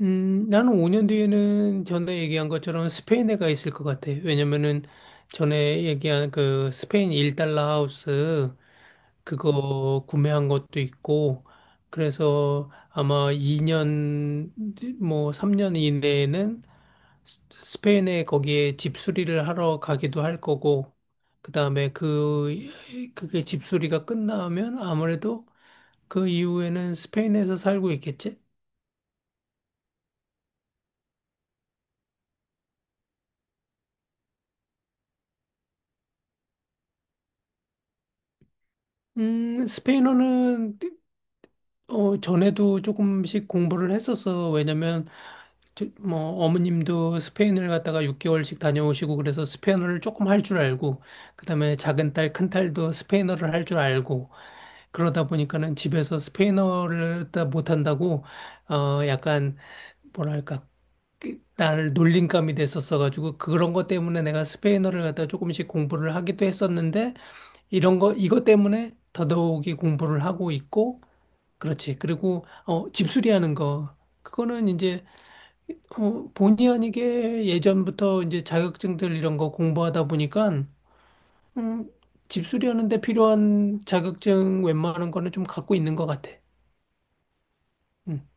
나는 5년 뒤에는 전에 얘기한 것처럼 스페인에 가 있을 것 같아. 왜냐면은 전에 얘기한 그 스페인 1달러 하우스 그거 구매한 것도 있고, 그래서 아마 2년, 뭐 3년 이내에는 스페인에 거기에 집 수리를 하러 가기도 할 거고, 그 다음에 그게 집 수리가 끝나면 아무래도 그 이후에는 스페인에서 살고 있겠지? 스페인어는 전에도 조금씩 공부를 했었어. 왜냐면, 뭐, 어머님도 스페인을 갔다가 6개월씩 다녀오시고, 그래서 스페인어를 조금 할 줄 알고, 그다음에 작은 딸, 큰 딸도 스페인어를 할 줄 알고, 그러다 보니까는 집에서 스페인어를 다 못한다고, 약간, 뭐랄까, 나를 놀림감이 됐었어가지고, 그런 것 때문에 내가 스페인어를 갖다 조금씩 공부를 하기도 했었는데, 이것 때문에 더더욱이 공부를 하고 있고, 그렇지. 그리고 집수리하는 거 그거는 이제 본의 아니게 예전부터 이제 자격증들 이런 거 공부하다 보니까 음, 집수리하는 데 필요한 자격증 웬만한 거는 좀 갖고 있는 것 같아. 음.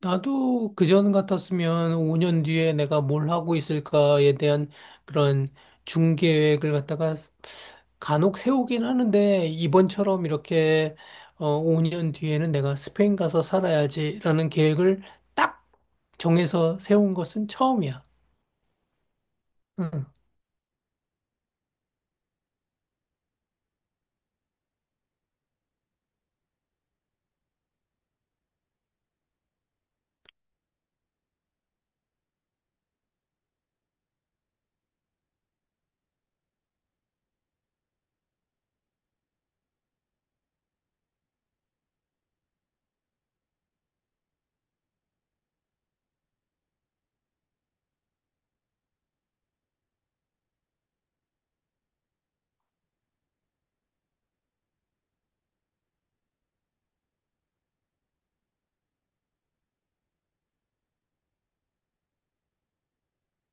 나도 그전 같았으면 5년 뒤에 내가 뭘 하고 있을까에 대한 그런 중계획을 갖다가 간혹 세우긴 하는데 이번처럼 이렇게 5년 뒤에는 내가 스페인 가서 살아야지라는 계획을 딱 정해서 세운 것은 처음이야. 응.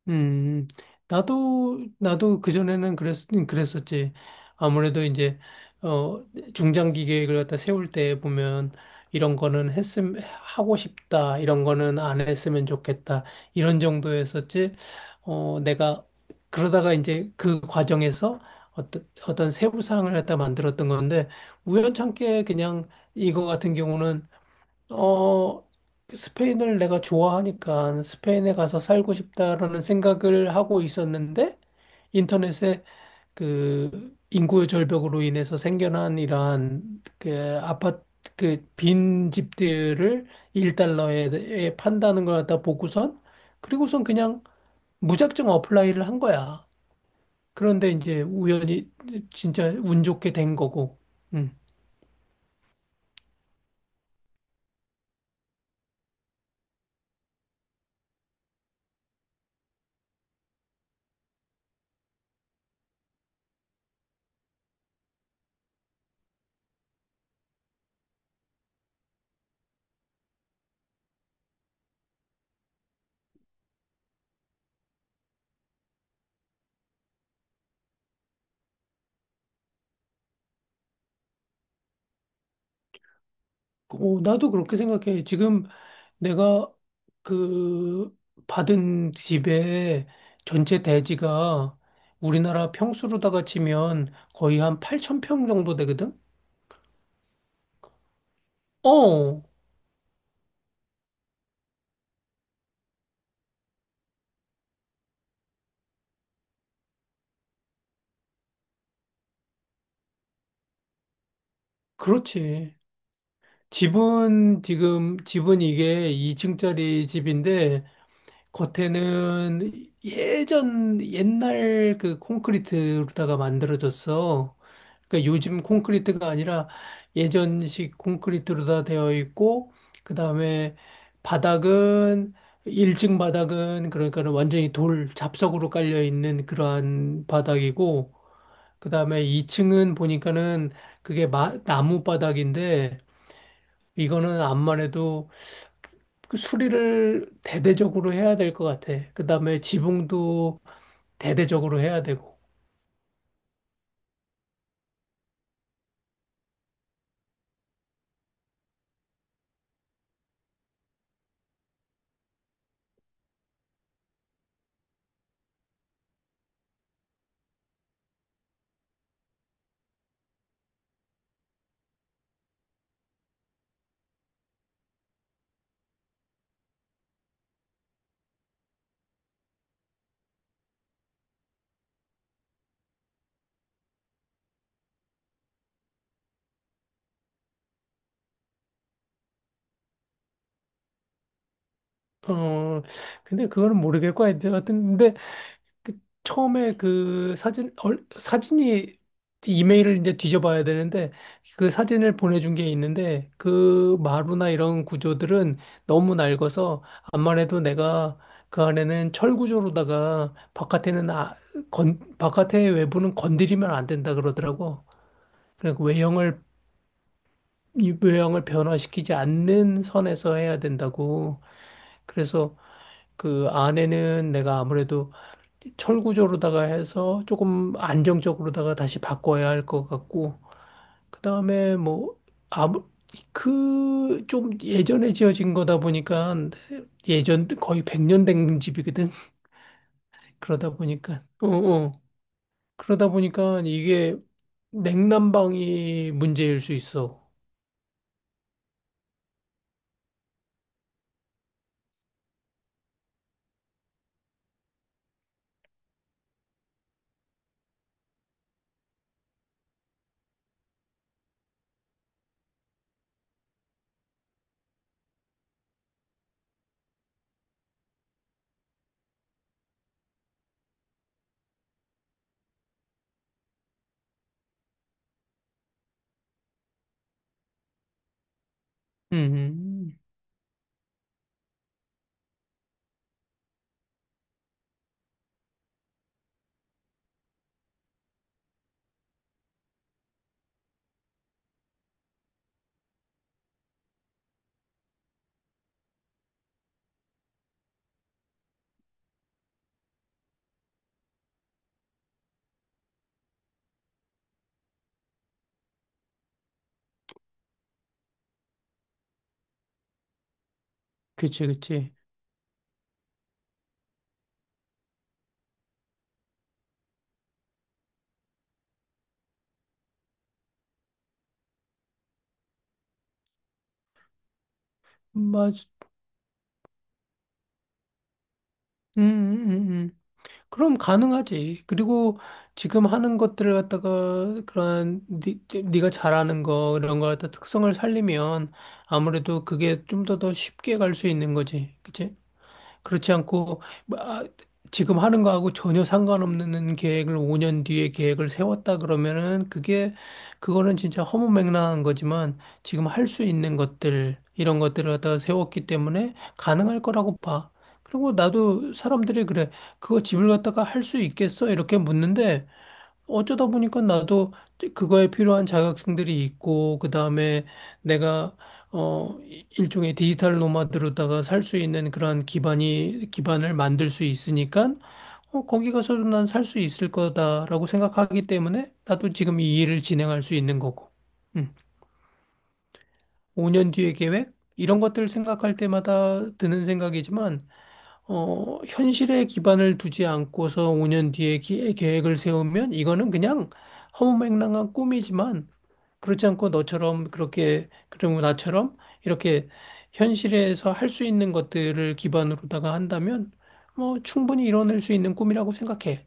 음, 나도 그전에는 그랬었지. 아무래도 이제, 어, 중장기 계획을 갖다 세울 때 보면, 이런 거는 했음, 하고 싶다. 이런 거는 안 했으면 좋겠다. 이런 정도였었지. 어, 내가, 그러다가 이제 그 과정에서 어떤 세부사항을 갖다 만들었던 건데, 우연찮게 그냥 이거 같은 경우는 어, 그 스페인을 내가 좋아하니까 스페인에 가서 살고 싶다라는 생각을 하고 있었는데 인터넷에 그 인구 절벽으로 인해서 생겨난 이러한 그 아파트 그 빈 집들을 1달러에 판다는 걸 갖다 보고선 그리고선 그냥 무작정 어플라이를 한 거야. 그런데 이제 우연히 진짜 운 좋게 된 거고. 음. 오, 나도 그렇게 생각해. 지금 내가 그 받은 집의 전체 대지가 우리나라 평수로다가 치면 거의 한 8,000평 정도 되거든? 어, 그렇지. 집은 이게 2층짜리 집인데 겉에는 예전 옛날 그 콘크리트로다가 만들어졌어. 그러니까 요즘 콘크리트가 아니라 예전식 콘크리트로다 되어 있고 그다음에 바닥은 1층 바닥은 그러니까 는 완전히 돌 잡석으로 깔려 있는 그러한 바닥이고 그다음에 2층은 보니까는 그게 나무 바닥인데 이거는 암만 해도 그 수리를 대대적으로 해야 될 것 같아. 그 다음에 지붕도 대대적으로 해야 되고. 어, 근데 그거는 모르겠고, 이제 하여튼, 근데 그 처음에 그 사진이 이메일을 이제 뒤져봐야 되는데, 그 사진을 보내준 게 있는데, 그 마루나 이런 구조들은 너무 낡아서, 암만 해도 내가 그 안에는 철 구조로다가 바깥에는 바깥의 외부는 건드리면 안 된다 그러더라고. 그러니까 외형을 이 외형을 변화시키지 않는 선에서 해야 된다고. 그래서 그 안에는 내가 아무래도 철구조로다가 해서 조금 안정적으로다가 다시 바꿔야 할 것 같고, 그 다음에 뭐, 아무, 좀 예전에 지어진 거다 보니까 예전 거의 100년 된 집이거든. 그러다 보니까, 어, 어. 그러다 보니까 이게 냉난방이 문제일 수 있어. 음, 그치, 그치. 맞, 음, 음, 음. 음. 그럼 가능하지. 그리고 지금 하는 것들을 갖다가 그런 네가 잘하는 거 이런 걸 갖다 특성을 살리면 아무래도 그게 좀 더 더 쉽게 갈 수 있는 거지. 그치? 그렇지 않고 뭐, 지금 하는 거하고 전혀 상관없는 계획을 5년 뒤에 계획을 세웠다 그러면은 그게 그거는 진짜 허무맹랑한 거지만 지금 할 수 있는 것들 이런 것들을 갖다 세웠기 때문에 가능할 거라고 봐. 그리고 나도 사람들이 그래. 그거 집을 갖다가 할 수 있겠어? 이렇게 묻는데 어쩌다 보니까 나도 그거에 필요한 자격증들이 있고, 그 다음에 내가, 어, 일종의 디지털 노마드로다가 살 수 있는 그러한 기반을 만들 수 있으니까, 거기 가서도 난 살 수 있을 거다라고 생각하기 때문에 나도 지금 이 일을 진행할 수 있는 거고. 음. 5년 뒤의 계획? 이런 것들을 생각할 때마다 드는 생각이지만, 현실에 기반을 두지 않고서 5년 뒤에 계획을 세우면 이거는 그냥 허무맹랑한 꿈이지만 그렇지 않고 너처럼 그렇게 그리고 나처럼 이렇게 현실에서 할 수 있는 것들을 기반으로다가 한다면 뭐 충분히 이뤄낼 수 있는 꿈이라고 생각해.